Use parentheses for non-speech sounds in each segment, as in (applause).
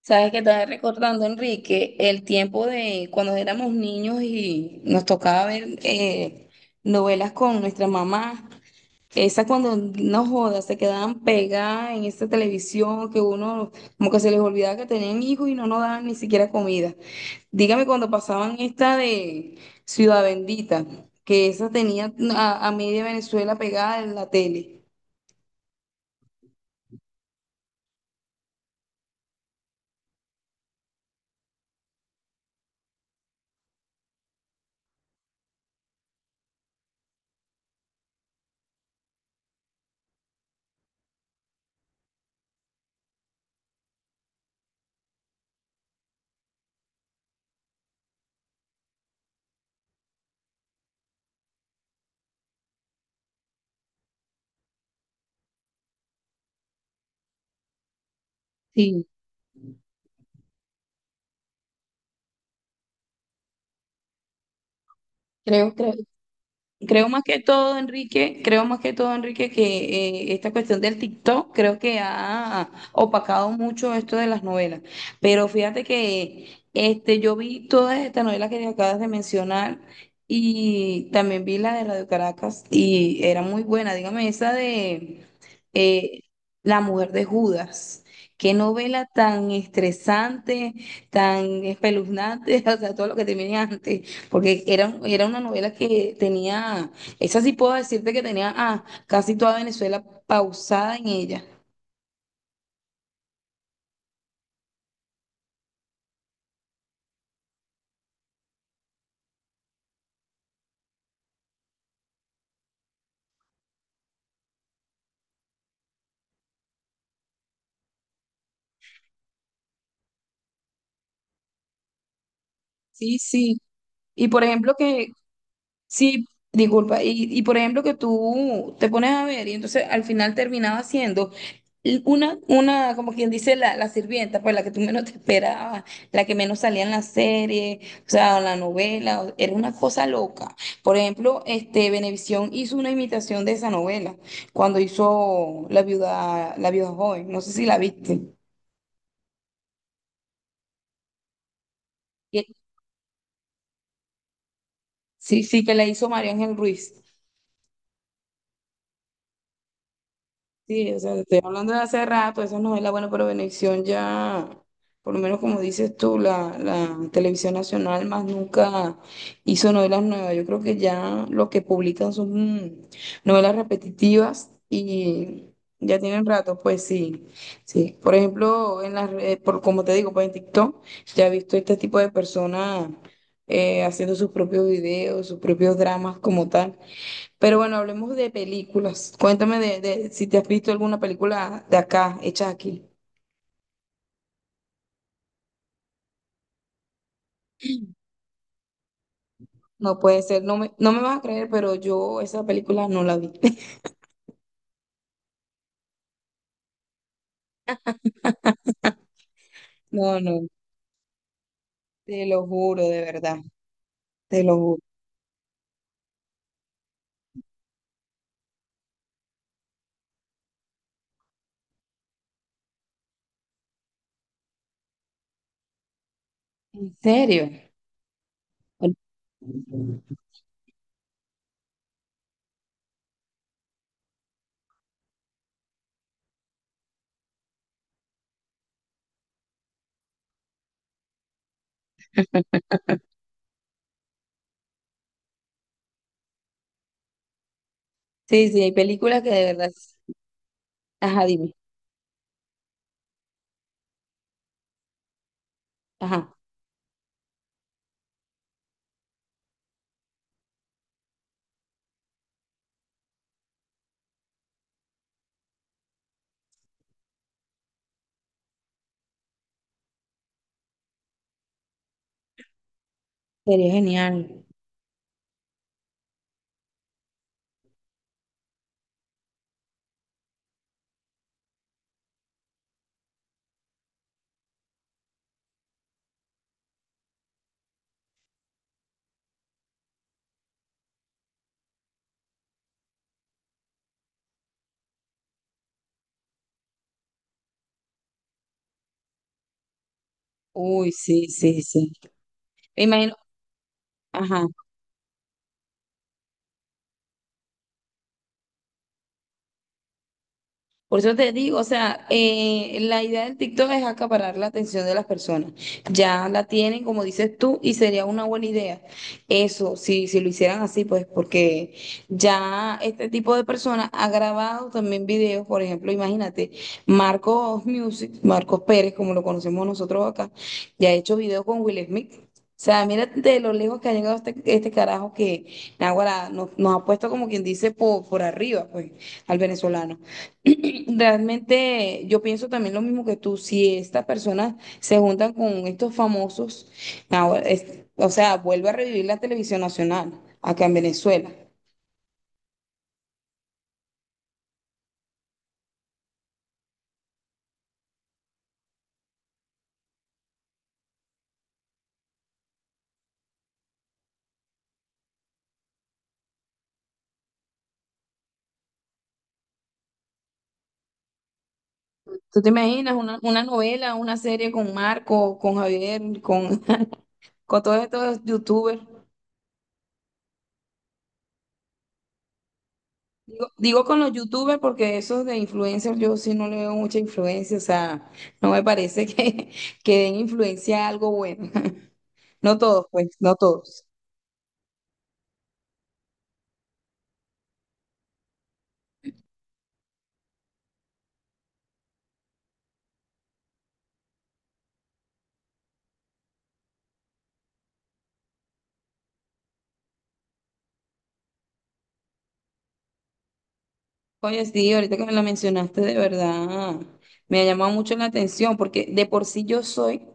Sabes que estaba recordando, Enrique, el tiempo de cuando éramos niños y nos tocaba ver novelas con nuestra mamá. Esas, cuando no jodas, se quedaban pegadas en esta televisión que uno como que se les olvidaba que tenían hijos y no nos daban ni siquiera comida. Dígame cuando pasaban esta de Ciudad Bendita, que esa tenía a media Venezuela pegada en la tele. Sí. Creo, que Creo más que todo, Enrique, creo más que todo, Enrique, que esta cuestión del TikTok creo que ha opacado mucho esto de las novelas. Pero fíjate que este, yo vi todas estas novelas que te acabas de mencionar y también vi la de Radio Caracas y era muy buena. Dígame, esa de eh, La mujer de Judas. Qué novela tan estresante, tan espeluznante, (laughs) o sea, todo lo que te viene antes. Porque era una novela que tenía, esa sí puedo decirte que tenía casi toda Venezuela pausada en ella. Sí, sí. Y por ejemplo, que... Sí, disculpa. Y por ejemplo, que tú te pones a ver y entonces al final terminaba siendo una como quien dice, la sirvienta, pues la que tú menos te esperabas, la que menos salía en la serie, o sea, en la novela, era una cosa loca. Por ejemplo, este, Venevisión hizo una imitación de esa novela cuando hizo La viuda joven, no sé si la viste. Que- Sí, sí, que la hizo María Ángel Ruiz. Sí, o sea, te estoy hablando de hace rato, esas novelas bueno, pero Venevisión ya, por lo menos como dices tú, la televisión nacional más nunca hizo novelas nuevas. Yo creo que ya lo que publican son mm, novelas repetitivas y ya tienen rato, pues sí, sí. Por ejemplo, en las redes, por, como te digo, pues en TikTok ya he visto este tipo de personas haciendo sus propios videos, sus propios dramas como tal. Pero bueno, hablemos de películas. Cuéntame de si te has visto alguna película de acá, hecha aquí. No puede ser, no me vas a creer, pero yo esa película no la vi. (laughs) No, no, te lo juro, de verdad, te lo juro. ¿En serio? Bueno. (laughs) Sí, sí, hay películas que de verdad. Ajá, dime. Ajá, sería genial. Uy, sí, sí, sí. Me imagino, ajá. Por eso te digo, o sea, la idea del TikTok es acaparar la atención de las personas. Ya la tienen, como dices tú, y sería una buena idea. Eso, si, si lo hicieran así, pues porque ya este tipo de personas ha grabado también videos, por ejemplo, imagínate, Marcos Music, Marcos Pérez, como lo conocemos nosotros acá, ya ha hecho videos con Will Smith. O sea, mira de lo lejos que ha llegado este, este carajo que naguará nos, nos ha puesto como quien dice por arriba, pues, al venezolano. (clears throat) Realmente yo pienso también lo mismo que tú, si estas personas se juntan con estos famosos, ahora o sea, vuelve a revivir la televisión nacional acá en Venezuela. ¿Tú te imaginas una novela, una serie con Marco, con Javier, con, (laughs) con todos estos youtubers? Digo, digo con los youtubers porque esos de influencers yo sí no le veo mucha influencia, o sea, no me parece que, (laughs) que den influencia a algo bueno. (laughs) No todos, pues, no todos. Oye, sí, ahorita que me la mencionaste, de verdad, me ha llamado mucho la atención porque de por sí yo soy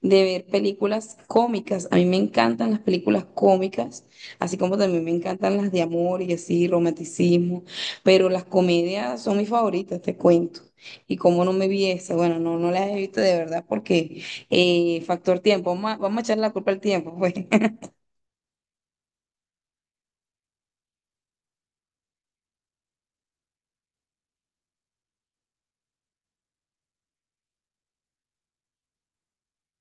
de ver películas cómicas. A mí me encantan las películas cómicas, así como también me encantan las de amor y así, romanticismo, pero las comedias son mis favoritas, te cuento. Y como no me vi esa, bueno, no, no las he visto de verdad porque factor tiempo, vamos a echar la culpa al tiempo, pues. (laughs)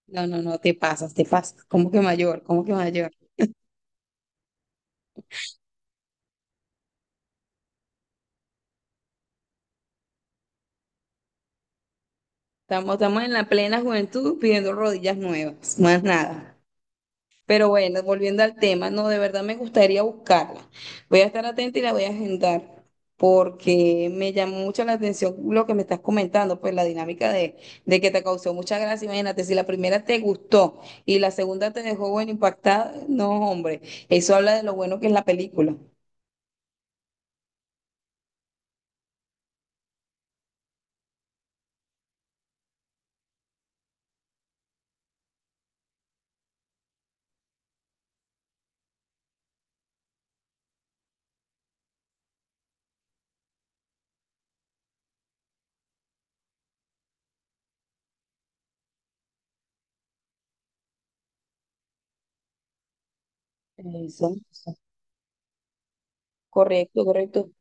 No, no, no, te pasas, te pasas. ¿Cómo que mayor? ¿Cómo que mayor? Estamos, estamos en la plena juventud pidiendo rodillas nuevas, más nada. Pero bueno, volviendo al tema, no, de verdad me gustaría buscarla. Voy a estar atenta y la voy a agendar porque me llamó mucho la atención lo que me estás comentando, pues la dinámica de que te causó mucha gracia. Imagínate, si la primera te gustó y la segunda te dejó bueno impactada, no, hombre, eso habla de lo bueno que es la película. Eso. Correcto, correcto.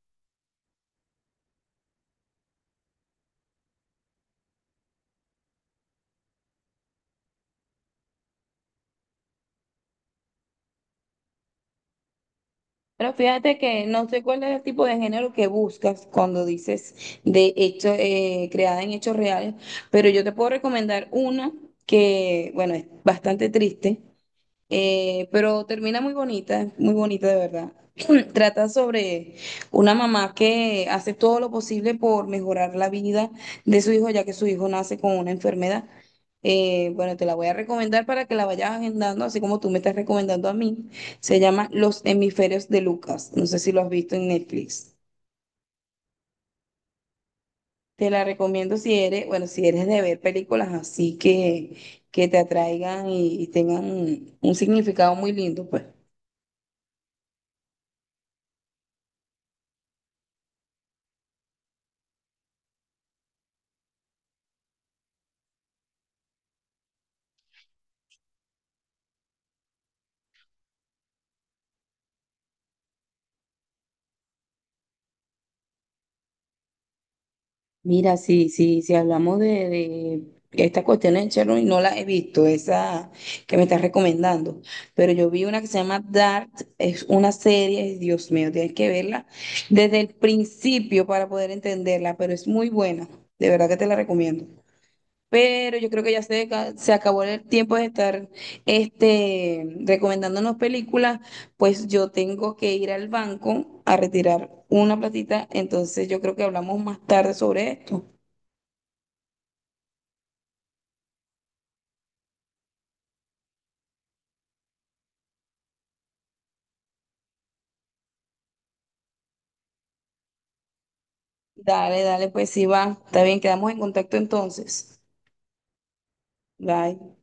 Pero fíjate que no sé cuál es el tipo de género que buscas cuando dices de hecho, creada en hechos reales, pero yo te puedo recomendar una que, bueno, es bastante triste, pero termina muy bonita de verdad. (clears throat) Trata sobre una mamá que hace todo lo posible por mejorar la vida de su hijo, ya que su hijo nace con una enfermedad. Bueno, te la voy a recomendar para que la vayas agendando, así como tú me estás recomendando a mí. Se llama Los hemisferios de Lucas. No sé si lo has visto en Netflix. Te la recomiendo si eres, bueno, si eres de ver películas así que te atraigan y tengan un significado muy lindo, pues. Mira, sí, sí, si hablamos de esta cuestión de Chernobyl, no la he visto, esa que me estás recomendando, pero yo vi una que se llama Dark, es una serie, Dios mío, tienes que verla desde el principio para poder entenderla, pero es muy buena, de verdad que te la recomiendo. Pero yo creo que ya se acabó el tiempo de estar este, recomendándonos películas, pues yo tengo que ir al banco a retirar una platita, entonces yo creo que hablamos más tarde sobre esto. Dale, dale, pues sí va. Está bien, quedamos en contacto entonces. Bye.